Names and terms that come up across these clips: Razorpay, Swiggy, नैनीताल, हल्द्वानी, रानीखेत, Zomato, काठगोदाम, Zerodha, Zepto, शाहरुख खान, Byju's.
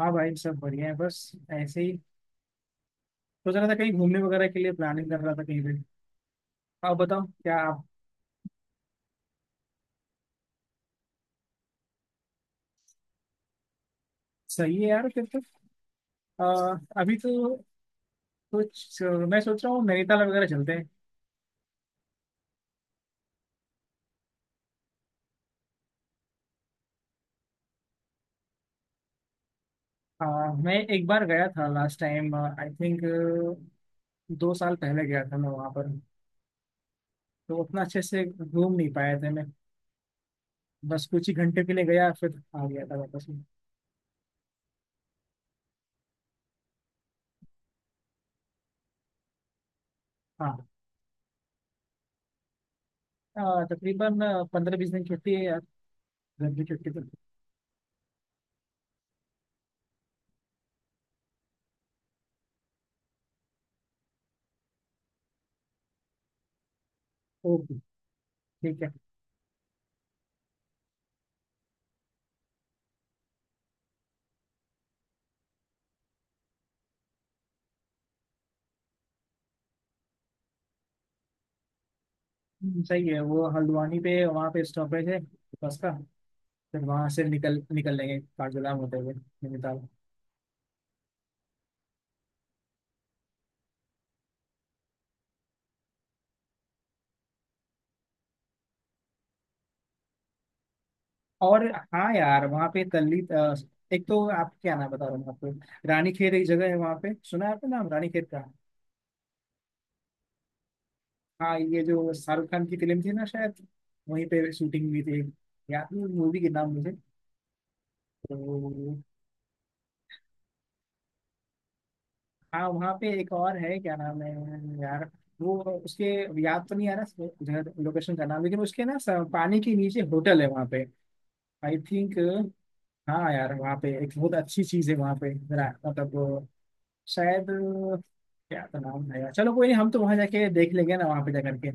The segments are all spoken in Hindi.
हाँ भाई, सब बढ़िया है। बस ऐसे ही सोच रहा था, कहीं घूमने वगैरह के लिए प्लानिंग कर रहा था कहीं पे। आप बताओ, क्या आप। सही है यार, फिर तो। अभी तो कुछ मैं सोच रहा हूँ, नैनीताल वगैरह चलते हैं। मैं एक बार गया था लास्ट टाइम, आई थिंक 2 साल पहले गया था मैं वहाँ पर। तो उतना अच्छे से घूम नहीं पाया था मैं। बस कुछ ही घंटे के लिए गया फिर आ गया था वापस में। हाँ। तकरीबन 15-20 दिन छुट्टी है यार, गर्मी छुट्टी तो। ओके, ठीक है। सही है। वो हल्द्वानी पे वहाँ पे स्टॉपेज है बस का। फिर वहां से निकल निकल लेंगे काठगोदाम होते हुए नैनीताल। और हाँ यार, वहाँ पे तल्ली एक तो आप, क्या नाम बता रहा हूँ आपको, रानी खेत एक जगह है वहाँ पे। सुना है आपने नाम रानी खेत का? हाँ ये जो शाहरुख खान की फिल्म थी ना शायद, वहीं पे शूटिंग हुई थी। याद नहीं मूवी के नाम मुझे। तो हाँ, वहाँ पे एक और है, क्या नाम है यार वो, उसके, याद तो नहीं आ रहा जगह लोकेशन का नाम, लेकिन उसके ना पानी के नीचे होटल है वहाँ पे, आई थिंक। हाँ यार, वहाँ पे एक बहुत अच्छी चीज है। वहाँ पे मतलब शायद क्या तो नाम है यार। चलो कोई नहीं, हम तो वहाँ जाके देख लेंगे ना, वहाँ पे जा करके,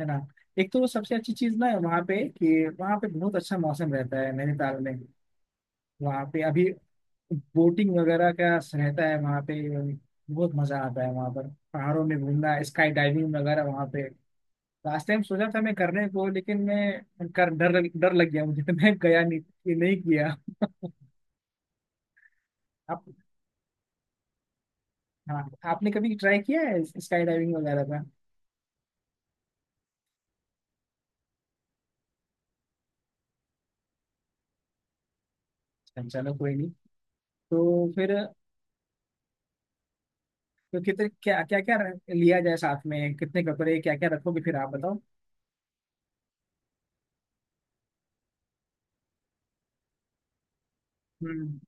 है ना। एक तो सबसे अच्छी चीज ना है वहाँ पे कि वहाँ पे बहुत अच्छा मौसम रहता है नैनीताल में। वहाँ पे अभी बोटिंग वगैरह का रहता है वहाँ पे। बहुत मजा आता है वहाँ पर पहाड़ों में घूमना, स्काई डाइविंग वगैरह वहाँ पे। लास्ट टाइम सोचा था मैं करने को, लेकिन मैं कर डर डर लग गया मुझे तो मैं गया नहीं, नहीं किया। आप, हाँ, आपने कभी ट्राई किया है स्काई डाइविंग वगैरह का? अच्छा, चलो कोई नहीं। तो फिर, तो कितने, क्या क्या क्या लिया जाए साथ में, कितने कपड़े क्या क्या रखोगे, फिर आप बताओ। हम्म।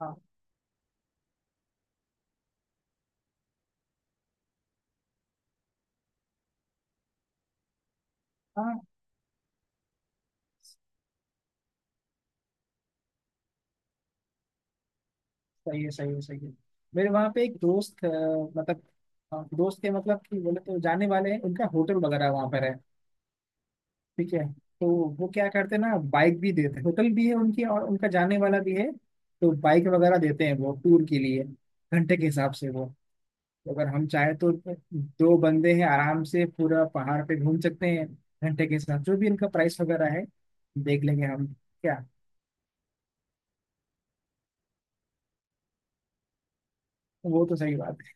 हाँ हाँ, सही है, सही है, सही है। मेरे वहाँ पे एक दोस्त मतलब दोस्त के मतलब कि बोले तो जाने वाले हैं, उनका होटल वगैरह वहाँ पर है। ठीक है। तो वो क्या करते हैं ना, बाइक भी देते हैं, होटल भी है उनकी, और उनका जाने वाला भी है, तो बाइक वगैरह देते हैं वो टूर के लिए घंटे के हिसाब से वो, अगर हम चाहे तो। दो बंदे हैं, आराम से पूरा पहाड़ पे घूम सकते हैं। घंटे के साथ जो भी इनका प्राइस वगैरह है देख लेंगे हम क्या। वो तो सही बात है।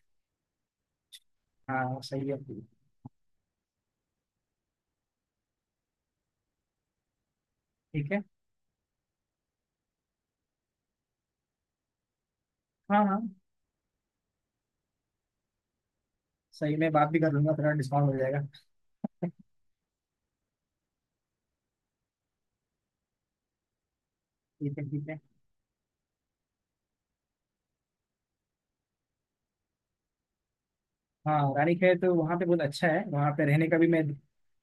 हाँ सही है, ठीक है। हाँ हाँ, सही, मैं बात भी कर लूंगा, थोड़ा डिस्काउंट हो जाएगा। ठीक है, ठीक है। हाँ रानीखेत तो वहाँ पे बहुत अच्छा है, वहाँ पे रहने का भी। मैं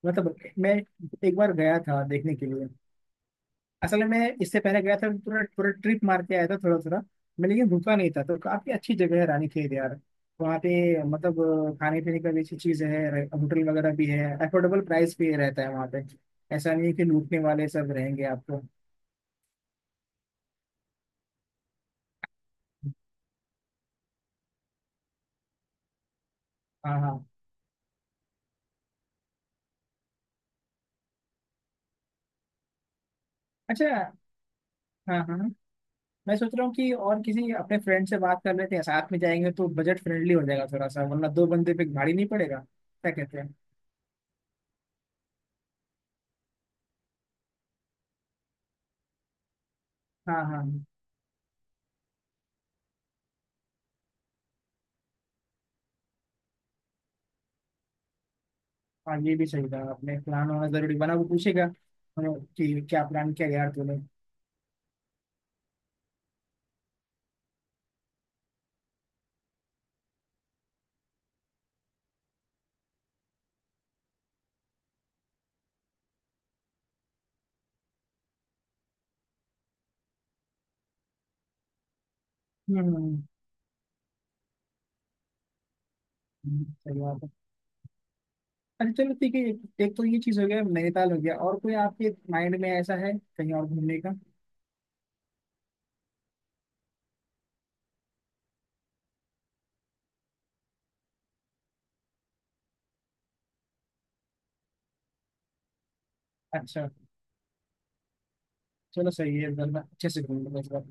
मतलब मैं एक बार गया था देखने के लिए। असल में मैं इससे पहले गया था, पूरा पूरा ट्रिप मार के आया था थोड़ा थोड़ा मैं, लेकिन रुका नहीं था। तो काफी अच्छी जगह है रानी खेत यार। वहाँ पे मतलब खाने पीने का भी अच्छी चीज है, होटल वगैरह भी है अफोर्डेबल प्राइस पे रहता है वहाँ पे। ऐसा नहीं है कि लूटने वाले सब रहेंगे आपको। हाँ हाँ। अच्छा, हाँ हाँ हाँ, मैं सोच रहा हूँ कि और किसी अपने फ्रेंड से बात कर लेते हैं, साथ में जाएंगे तो बजट फ्रेंडली हो जाएगा थोड़ा सा, वरना दो बंदे पे भारी नहीं पड़ेगा, क्या कहते हैं। हाँ हाँ हाँ। हाँ ये भी सही कहा आपने, प्लान होना जरूरी, बना वो पूछेगा हाँ, कि क्या प्लान किया यार तूने। हम्म। सही बात है। अरे चलो ठीक है, एक, एक तो ये चीज हो गया, नैनीताल हो गया। और कोई आपके माइंड में ऐसा है कहीं और घूमने का? अच्छा, चलो सही है, इधर मैं अच्छे से घूम लूंगा इस बार।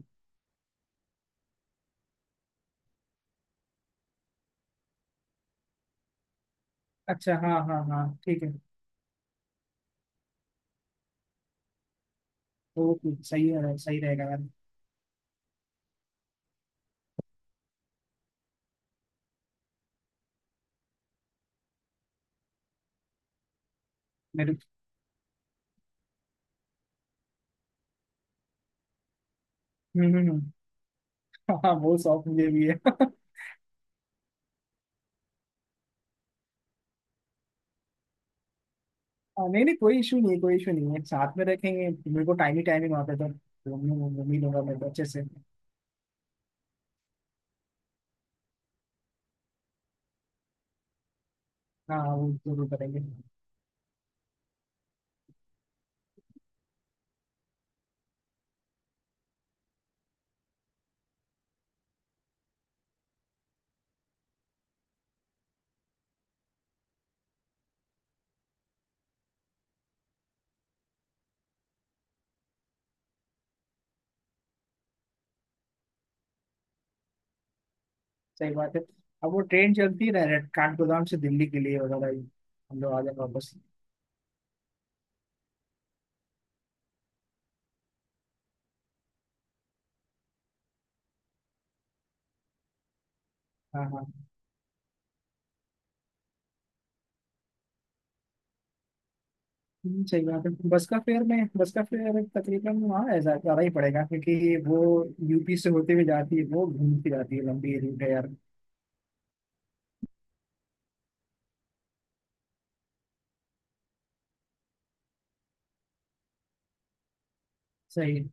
अच्छा हाँ हाँ हाँ, ठीक है। ओके, सही है, सही रहेगा यार। मेरे, हम्म हम्म, हम्म, हाँ वो शौक मुझे भी है हाँ, नहीं नहीं कोई इशू नहीं है, कोई इशू नहीं है, साथ में रखेंगे मेरे को, टाइम ही वहाँ पे तो घूमने घूमने मिलूंगा मेरे को अच्छे से। हाँ वो जरूर करेंगे। सही बात है। अब वो ट्रेन चलती है ना काठगोदाम से दिल्ली के लिए वगैरह ही, हम लोग आ जाए वापस। हाँ हाँ। सही बात है। बस का फेयर में बस का फेयर तकरीबन हाँ ऐसा ज्यादा ही पड़ेगा, क्योंकि वो यूपी से होते हुए जाती है, वो घूमती जाती है, लंबी रूट है यार। सही।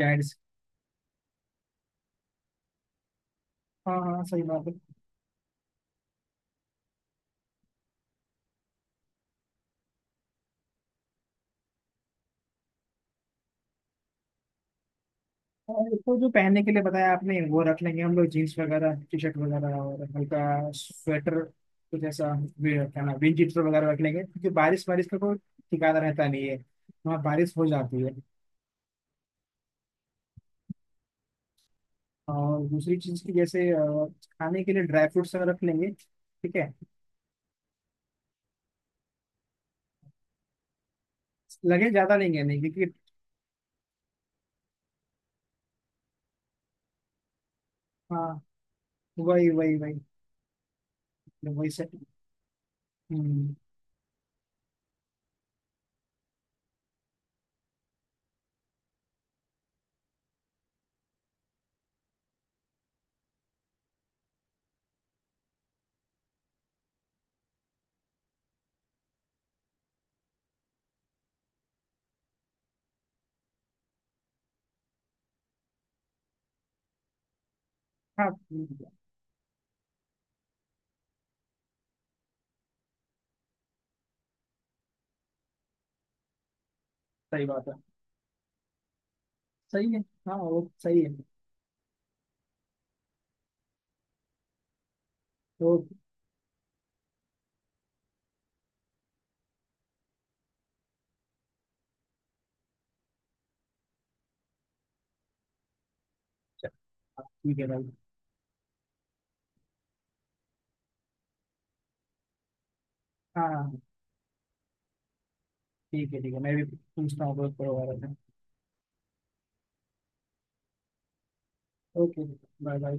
जाइंट्स। हाँ हाँ, सही बात है। और तो जो पहनने के लिए बताया आपने वो रख लेंगे हम लोग, जीन्स वगैरह, टी शर्ट वगैरह और हल्का स्वेटर कुछ ऐसा। क्या नाम, विंड चीटर वगैरह रख लेंगे, क्योंकि बारिश बारिश का कोई ठिकाना रहता नहीं है, वहाँ बारिश हो जाती है। और दूसरी चीज़ की जैसे खाने के लिए ड्राई फ्रूट्स रख लेंगे, ठीक है। लगे ज़्यादा नहीं है, नहीं क्योंकि, हाँ वही, वही से। हम्म, हाँ सही बात है। सही है। हाँ वो सही है। तो चल, हाँ, ठीक है भाई। हाँ ठीक है ठीक है, मैं भी पूछता हूँ बहुत परिवार में। Okay, bye bye.